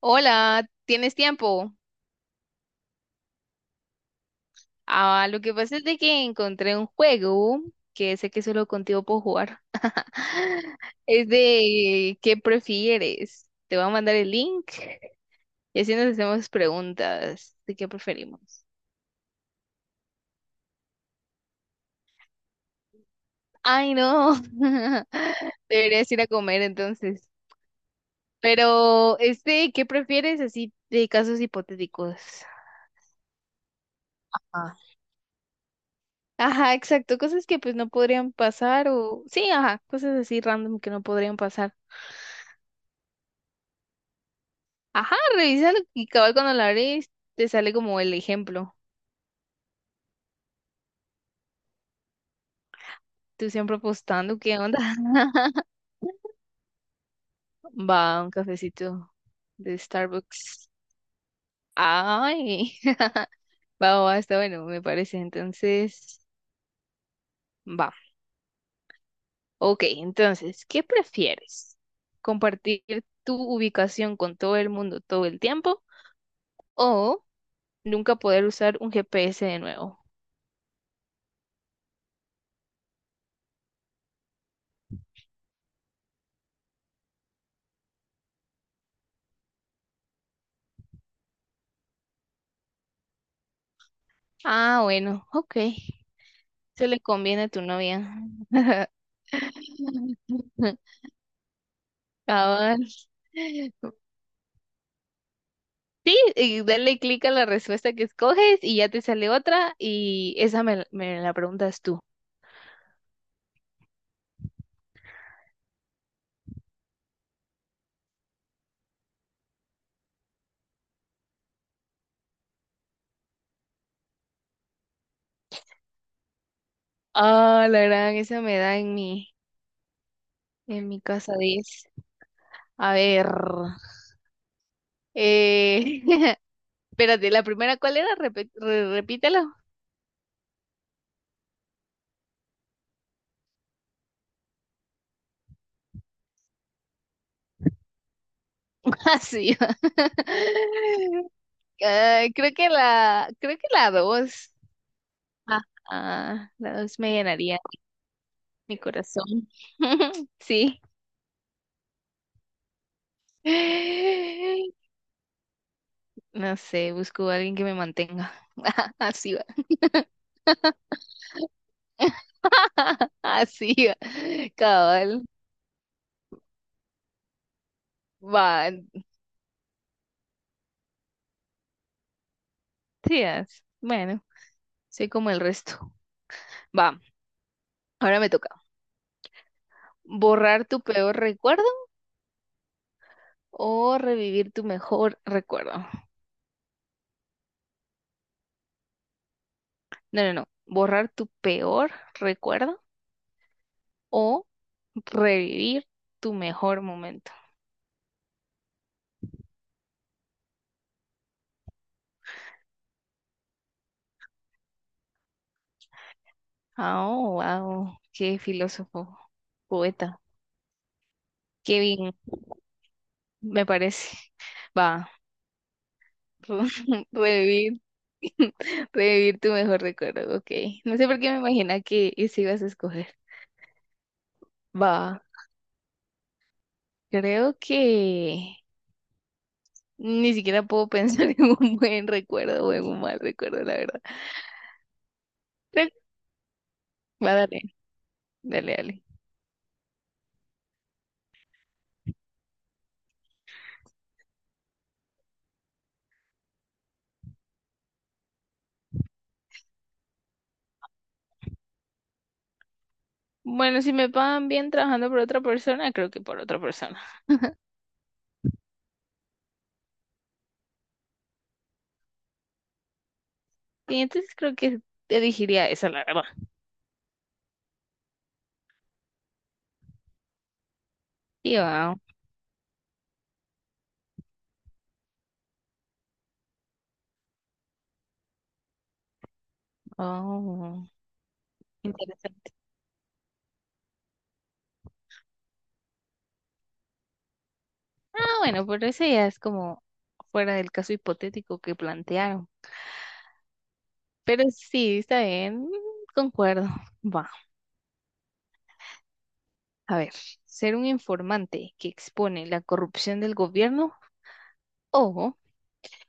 Hola, ¿tienes tiempo? Ah, lo que pasa es de que encontré un juego que sé que solo contigo puedo jugar. Es de ¿qué prefieres? Te voy a mandar el link y así nos hacemos preguntas de qué preferimos. Ay, no. Deberías ir a comer entonces. Pero este, ¿qué prefieres? Así de casos hipotéticos. Ah, ajá, exacto, cosas que pues no podrían pasar o sí, ajá, cosas así random que no podrían pasar. Ajá, revísalo y cabal cuando la abres te sale como el ejemplo. Tú siempre postando, ¿qué onda? Va, un cafecito de Starbucks. Ay, va, va, está bueno, me parece. Entonces, va. Ok, entonces, ¿qué prefieres? ¿Compartir tu ubicación con todo el mundo todo el tiempo o nunca poder usar un GPS de nuevo? Ah, bueno, ok. Se le conviene a tu novia. Cabal. Y dale clic a la respuesta que escoges y ya te sale otra y esa me la preguntas tú. Ah, la gran, esa me da en mi casa 10. A ver, eh, espérate, la primera, ¿cuál era? Repítelo. Así. Creo que la, creo que la dos. Ah, la dos me llenaría mi corazón. Sí. No sé, busco a alguien que me mantenga. Así va. Así va. Cabal. Va. Sí, as- bueno, soy como el resto. Va. Ahora me toca. ¿Borrar tu peor recuerdo o revivir tu mejor recuerdo? No, no, no. ¿Borrar tu peor recuerdo o revivir tu mejor momento? Oh, wow. Qué filósofo, poeta. Qué bien, me parece. Va. Revivir, revivir tu mejor recuerdo, ok. No sé por qué me imagina que ese ibas a escoger. Va, creo que ni siquiera puedo pensar en un buen recuerdo o en un mal recuerdo, la verdad. Creo. Va, dale, dale, dale. Bueno, si me pagan bien trabajando por otra persona, creo que por otra persona. Y entonces creo que elegiría esa, la verdad. Y va, oh, interesante. Ah, bueno, pero ese ya es como fuera del caso hipotético que plantearon. Pero sí, está bien, concuerdo. Va, a ver, ser un informante que expone la corrupción del gobierno o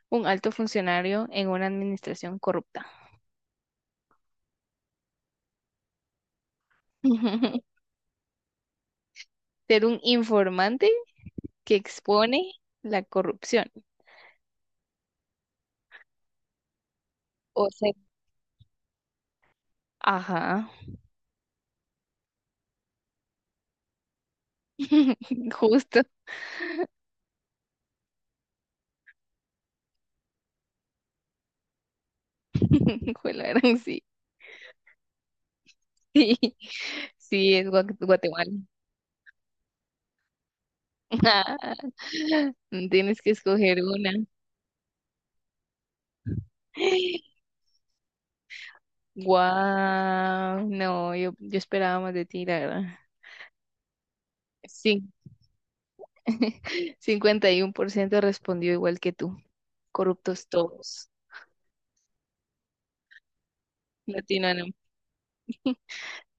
un alto funcionario en una administración corrupta. Ser un informante que expone la corrupción o ser... ajá, justo. Fue Juela gran, sí, sí, sí, es Guatemala. Tienes que escoger una. Wow, no, yo esperaba más de ti, la verdad. Sí, 51% respondió igual que tú. Corruptos todos. Latino,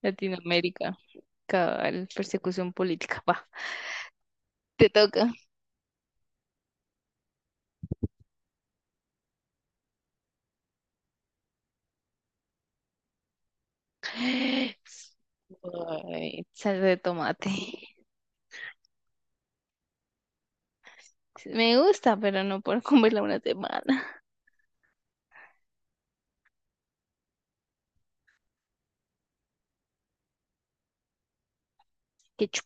Latinoamérica, cabal, persecución política. Va, te toca. Ay, salsa de tomate. Me gusta, pero no puedo comerla una semana. Qué chu-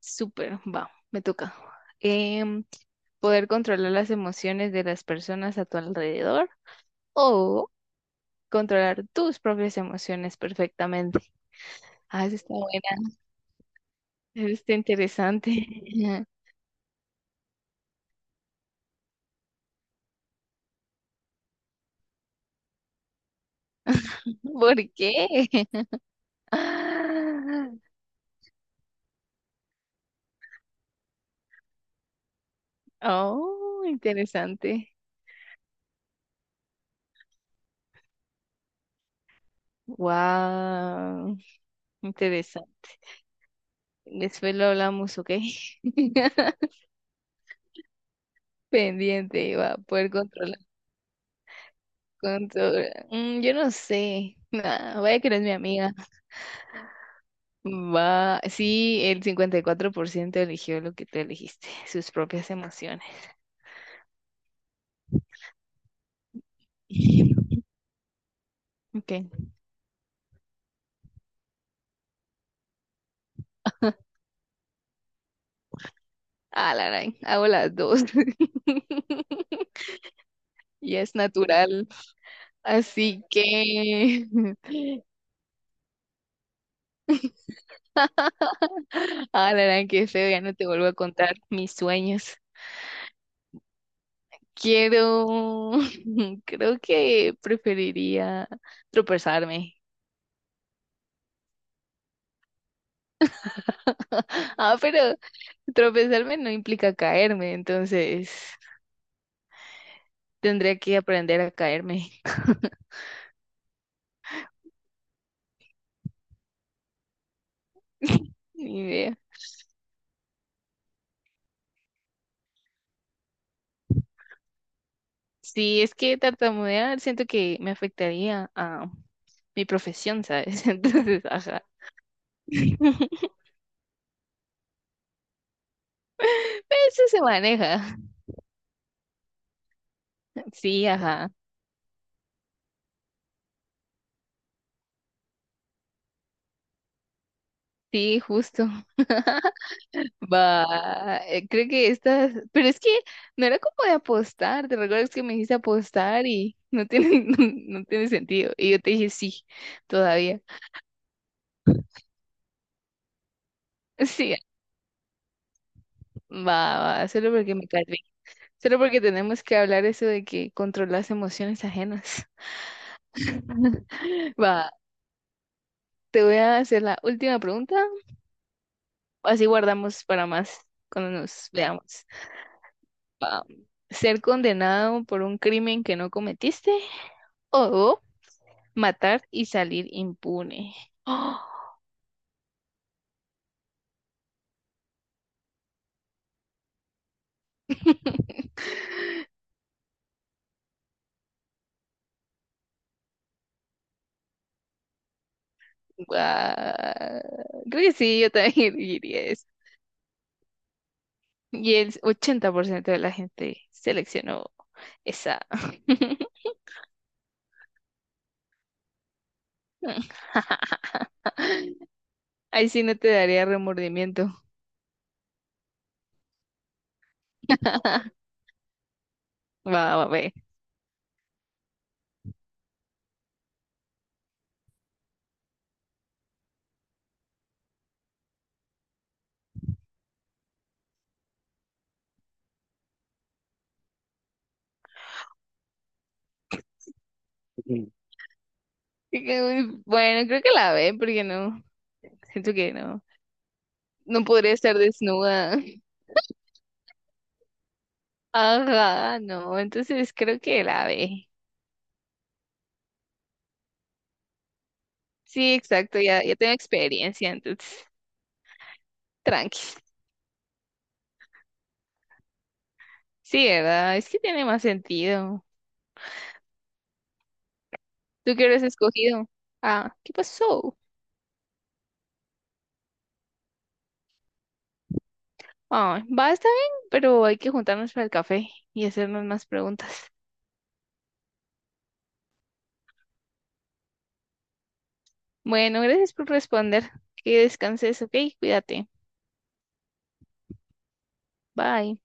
súper, va, me toca. Em, poder controlar las emociones de las personas a tu alrededor controlar tus propias emociones perfectamente. Ah, eso está buena, eso está interesante. ¿Por qué? Ah, oh, interesante. Wow, interesante. Después lo hablamos, ¿ok? Pendiente, va a poder controlar. Controlar. Mm, yo no sé. Ah, vaya que eres mi amiga. Va, sí, el 54% eligió lo que tú elegiste, sus propias emociones. Ok. Ah, la gran, hago las dos. Y es natural. Así que. Ah, la gran, qué feo, ya no te vuelvo a contar mis sueños. Quiero. Creo que preferiría tropezarme. Ah, pero tropezarme no implica caerme, entonces tendría que aprender a caerme. Ni idea. Sí, es que tartamudear siento que me afectaría a mi profesión, ¿sabes? Entonces, ajá. Eso se maneja. Sí, ajá. Sí, justo. Va, creo que estas, pero es que no era como de apostar, ¿te recuerdas que me dijiste apostar y no tiene, no, no tiene sentido? Y yo te dije sí, todavía. Sí, va, va, solo porque me cae bien. Solo porque tenemos que hablar eso de que controlas emociones ajenas. Va, te voy a hacer la última pregunta, así guardamos para más cuando nos veamos. Ah, ser condenado por un crimen que no cometiste o matar y salir impune. ¡Oh! Guau. Creo que sí, yo también elegiría eso. Y el 80% de la gente seleccionó esa. Ahí sí no te daría remordimiento. Va, va, ve. Mm. Uy, bueno, creo que la ve, porque no, siento que no, no podría estar desnuda. Ajá, no, entonces creo que la ve. Sí, exacto, ya, ya tengo experiencia, entonces, tranqui. Sí, ¿verdad? Es que tiene más sentido. ¿Tú qué hubieras escogido? Ah, ¿qué pasó? Ah, va, está bien, pero hay que juntarnos para el café y hacernos más preguntas. Bueno, gracias por responder. Que descanses, ok, cuídate. Bye.